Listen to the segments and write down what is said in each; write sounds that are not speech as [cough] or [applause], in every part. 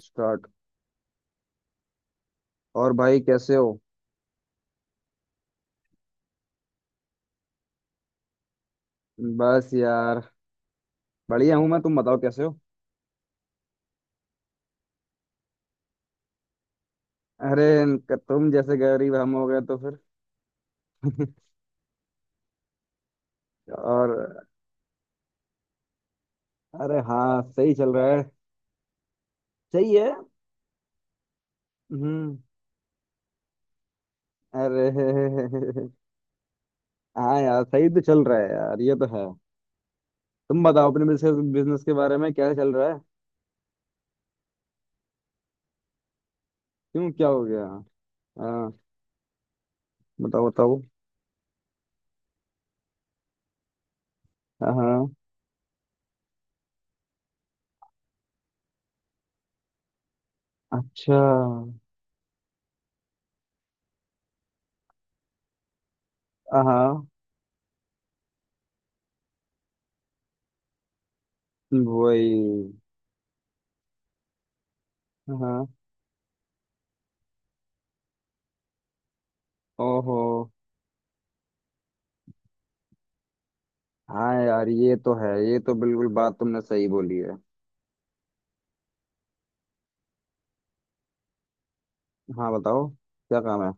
Start. और भाई कैसे हो? बस यार। बढ़िया हूँ मैं, तुम बताओ कैसे हो? अरे, तुम जैसे गरीब हम हो गए तो फिर। [laughs] और अरे हाँ, सही चल रहा है। सही है। हम्म। अरे [laughs] हाँ यार, सही तो चल रहा है यार, ये तो है। तुम बताओ अपने बिजनेस के बारे में क्या चल रहा है? क्यों, क्या हो गया? हाँ, बताओ बताओ। हाँ। अच्छा। हाँ। वही। हाँ। ओहो। हाँ यार, ये तो है, ये तो बिल्कुल बात तुमने सही बोली है। हाँ, बताओ क्या काम है।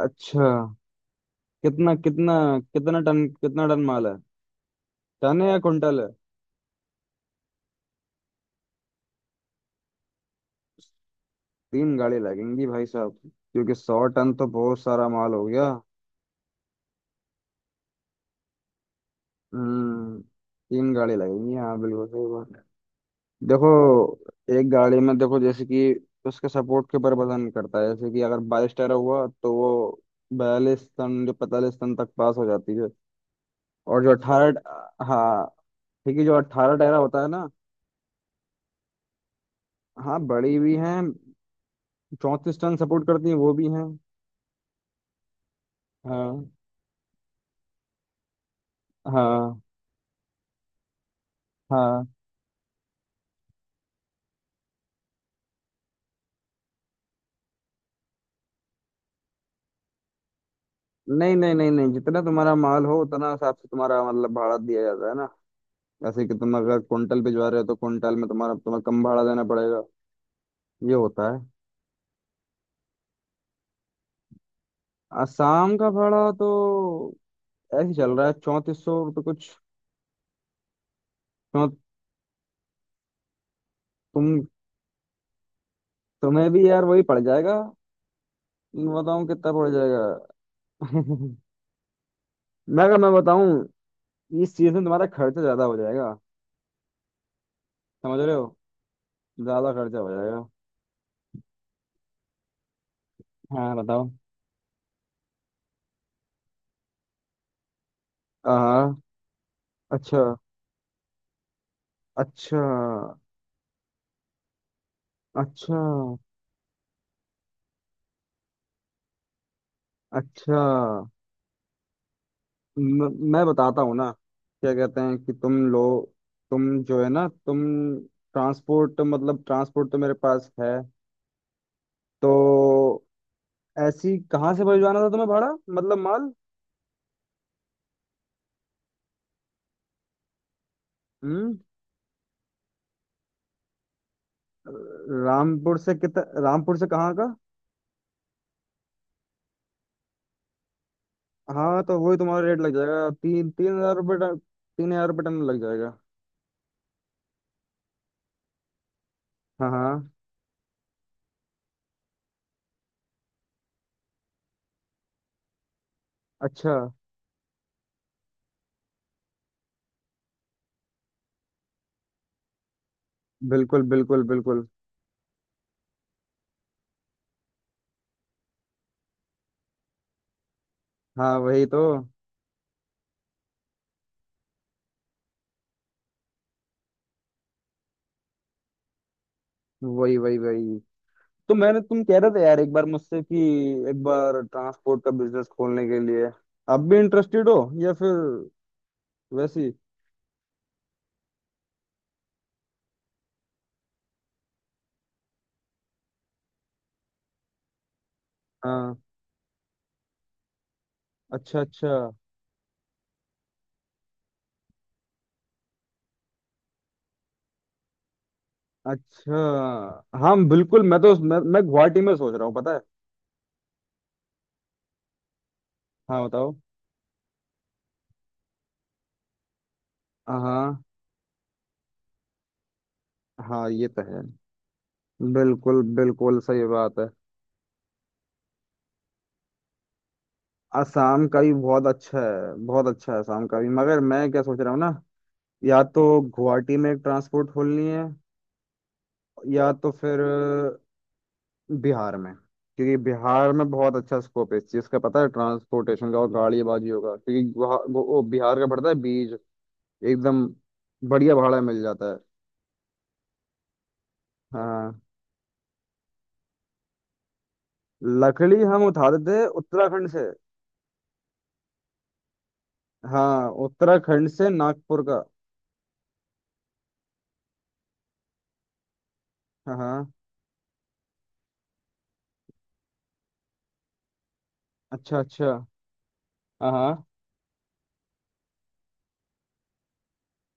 अच्छा। कितना कितना? कितना टन माल है? टन है या कुंटल है? तीन गाड़ी लगेंगी भाई साहब, क्योंकि 100 टन तो बहुत सारा माल हो गया। हम्म। तीन गाड़ी लगेंगी, हाँ बिल्कुल सही बात है। देखो, एक गाड़ी में देखो, जैसे कि उसके सपोर्ट के ऊपर वजन करता है। जैसे कि अगर 22 टायर हुआ तो वो 42 टन, जो 45 टन तक पास हो जाती है। और जो 18, हाँ, ठीक है, जो 18 टायरा होता है ना। हाँ बड़ी भी हैं, 34 टन सपोर्ट करती हैं, वो भी हैं। हाँ। हाँ। हाँ, नहीं नहीं नहीं नहीं, जितना तुम्हारा माल हो उतना हिसाब से तुम्हारा मतलब भाड़ा दिया जाता है ना। जैसे कि तुम अगर कुंटल भिजवा रहे हो तो कुंटल में तुम्हारा, तुम्हें कम भाड़ा देना पड़ेगा। ये होता है। आसाम का भाड़ा तो ऐसे ही चल रहा है, 3400 रुपये कुछ। चौ- तुम, तुम्हें भी यार वही पड़ जाएगा। मैं बताऊं कितना पड़ जाएगा? [laughs] मैं, अगर मैं बताऊं, इस चीज में तुम्हारा खर्चा ज्यादा हो जाएगा। समझ रहे हो? ज्यादा खर्चा हो जाएगा। हाँ, बताओ। हाँ। अच्छा। अच्छा। अच्छा। अच्छा। मैं बताता हूँ ना। क्या कहते हैं कि तुम लोग, तुम जो है ना, तुम ट्रांसपोर्ट, मतलब ट्रांसपोर्ट तो मेरे पास है। तो ऐसी कहाँ से भिजवाना था तुम्हें भाड़ा, मतलब माल? हम्म। रामपुर से कितना? रामपुर से कहाँ का? हाँ, तो वही तुम्हारा रेट लग जाएगा, तीन तीन हजार रुपये टन। 3000 रुपये टन लग जाएगा। हाँ हाँ। अच्छा। बिल्कुल बिल्कुल बिल्कुल। हाँ वही तो। वही वही वही। तो मैंने, तुम कह रहे थे यार एक बार मुझसे कि एक बार ट्रांसपोर्ट का बिजनेस खोलने के लिए, अब भी इंटरेस्टेड हो या फिर वैसी। हाँ। अच्छा अच्छा अच्छा। हाँ बिल्कुल, मैं तो मैं गुवाहाटी में सोच रहा हूँ, पता है। हाँ बताओ। हाँ। हाँ ये तो है। बिल्कुल बिल्कुल सही बात है। असम का भी बहुत अच्छा है, बहुत अच्छा है असम का भी, मगर मैं क्या सोच रहा हूँ ना, या तो गुवाहाटी में एक ट्रांसपोर्ट खोलनी है, या तो फिर बिहार में। क्योंकि बिहार में बहुत अच्छा स्कोप है इस चीज का पता है, ट्रांसपोर्टेशन का। और गाड़ीबाजी होगा, क्योंकि वहाँ वो बिहार का पड़ता है बीज, एकदम बढ़िया भाड़ा में मिल जाता है। हाँ। लकड़ी हम उठाते थे उत्तराखंड से। हाँ, उत्तराखंड से नागपुर का। हाँ हाँ। अच्छा अच्छा। हाँ हाँ।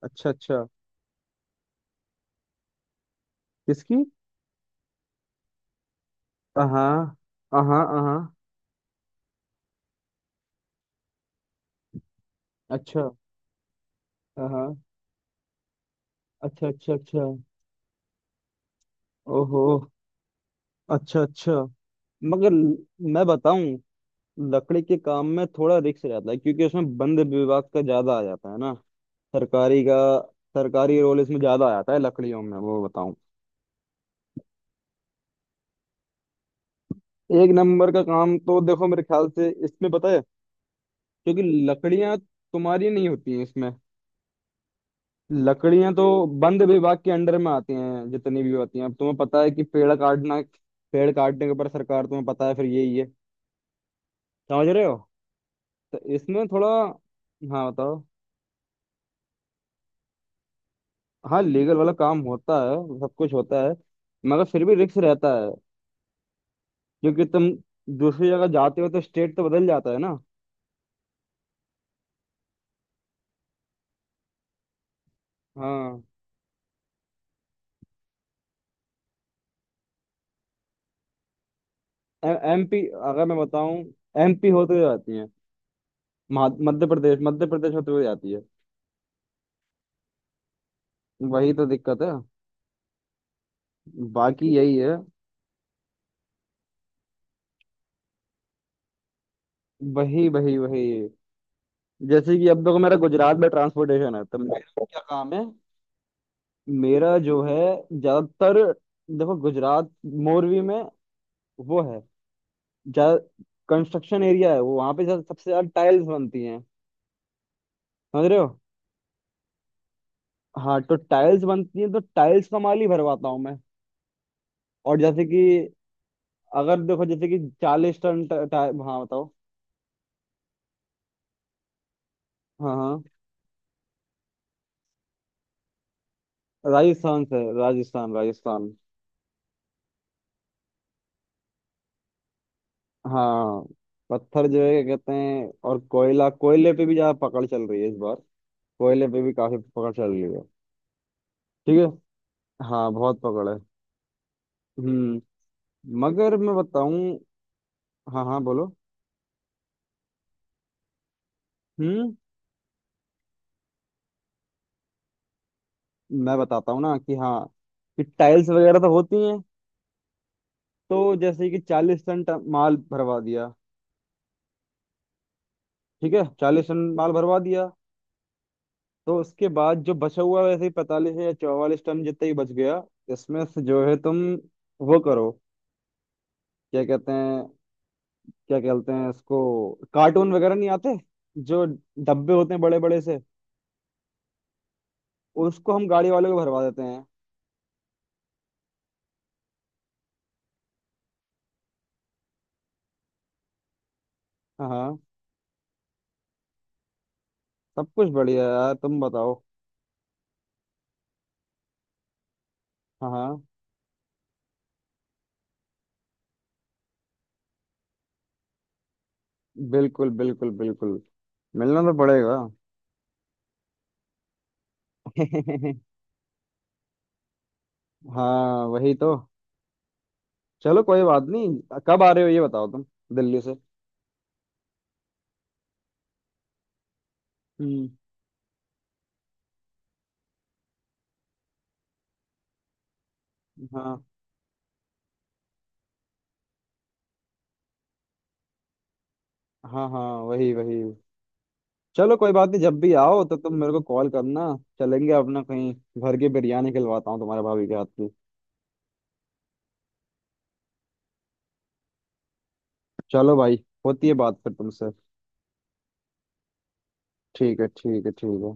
अच्छा अच्छा। किसकी? हाँ हाँ। हाँ हाँ। अच्छा। हाँ हाँ। अच्छा अच्छा अच्छा। ओहो। अच्छा अच्छा। मगर मैं बताऊं, लकड़ी के काम में थोड़ा रिस्क रहता है, क्योंकि उसमें बंद विभाग का ज्यादा आ जाता है ना। सरकारी का। सरकारी रोल इसमें ज्यादा आ जाता है लकड़ियों में, वो बताऊं। एक नंबर का काम तो देखो मेरे ख्याल से इसमें, पता है, क्योंकि लकड़ियां तुम्हारी नहीं होती हैं इसमें। लकड़ियां तो बंद विभाग के अंडर में आती हैं जितनी भी होती हैं। अब तुम्हें पता है कि पेड़ काटना, पेड़ काटने के ऊपर सरकार, तुम्हें पता है, फिर यही है। समझ रहे हो? तो इसमें थोड़ा। हाँ बताओ। हाँ, लीगल वाला काम होता है। सब कुछ होता है, मगर फिर भी रिस्क रहता है। क्योंकि तुम दूसरी जगह जाते हो तो स्टेट तो बदल जाता है ना। हाँ। MP, अगर मैं बताऊं MP होते हुए जाती है। मध्य प्रदेश, मध्य प्रदेश होते हुए जाती है। वही तो दिक्कत है। बाकी यही है। वही वही वही। जैसे कि अब देखो मेरा गुजरात में ट्रांसपोर्टेशन है, तो मेरा क्या काम है? मेरा जो है, ज्यादातर, देखो गुजरात मोरवी में वो है ज्यादा, कंस्ट्रक्शन एरिया है वो, वहां पे ज्यादा, सबसे ज्यादा टाइल्स बनती हैं। समझ रहे हो? हाँ, तो टाइल्स बनती हैं तो टाइल्स का माल ही भरवाता हूँ मैं। और जैसे कि, अगर देखो जैसे कि 40 टन टा, टा, हाँ बताओ। हाँ हाँ। राजस्थान से, राजस्थान, राजस्थान। हाँ। पत्थर जो है, क्या कहते हैं, और कोयला, कोयले पे भी ज्यादा पकड़ चल रही है इस बार। कोयले पे भी काफी पकड़ चल रही है। ठीक है। हाँ, बहुत पकड़ है। हम्म। मगर मैं बताऊं। हाँ हाँ, बोलो। हम्म। मैं बताता हूँ ना कि हाँ, कि टाइल्स वगैरह तो होती हैं। तो जैसे कि चालीस टन माल भरवा दिया, ठीक है, 40 टन माल भरवा दिया। तो उसके बाद जो बचा हुआ, वैसे ही 45 या 44 टन जितना ही बच गया। इसमें से जो है तुम वो करो। क्या कहते हैं, क्या कहते हैं इसको, कार्टून वगैरह नहीं आते, जो डब्बे होते हैं बड़े बड़े से? उसको हम गाड़ी वाले को भरवा देते हैं। हाँ हाँ। सब कुछ बढ़िया है यार, तुम बताओ। हाँ हाँ। बिल्कुल बिल्कुल बिल्कुल। मिलना तो पड़ेगा। [laughs] हाँ वही तो। चलो कोई बात नहीं, कब आ रहे हो ये बताओ तुम? दिल्ली से? हम्म। हाँ हाँ। हाँ वही वही। चलो कोई बात नहीं, जब भी आओ तो तुम मेरे को कॉल करना। चलेंगे अपना कहीं, घर की बिरयानी खिलवाता हूँ तुम्हारे भाभी के हाथ की। चलो भाई, होती है बात फिर तुमसे। ठीक है ठीक है ठीक है।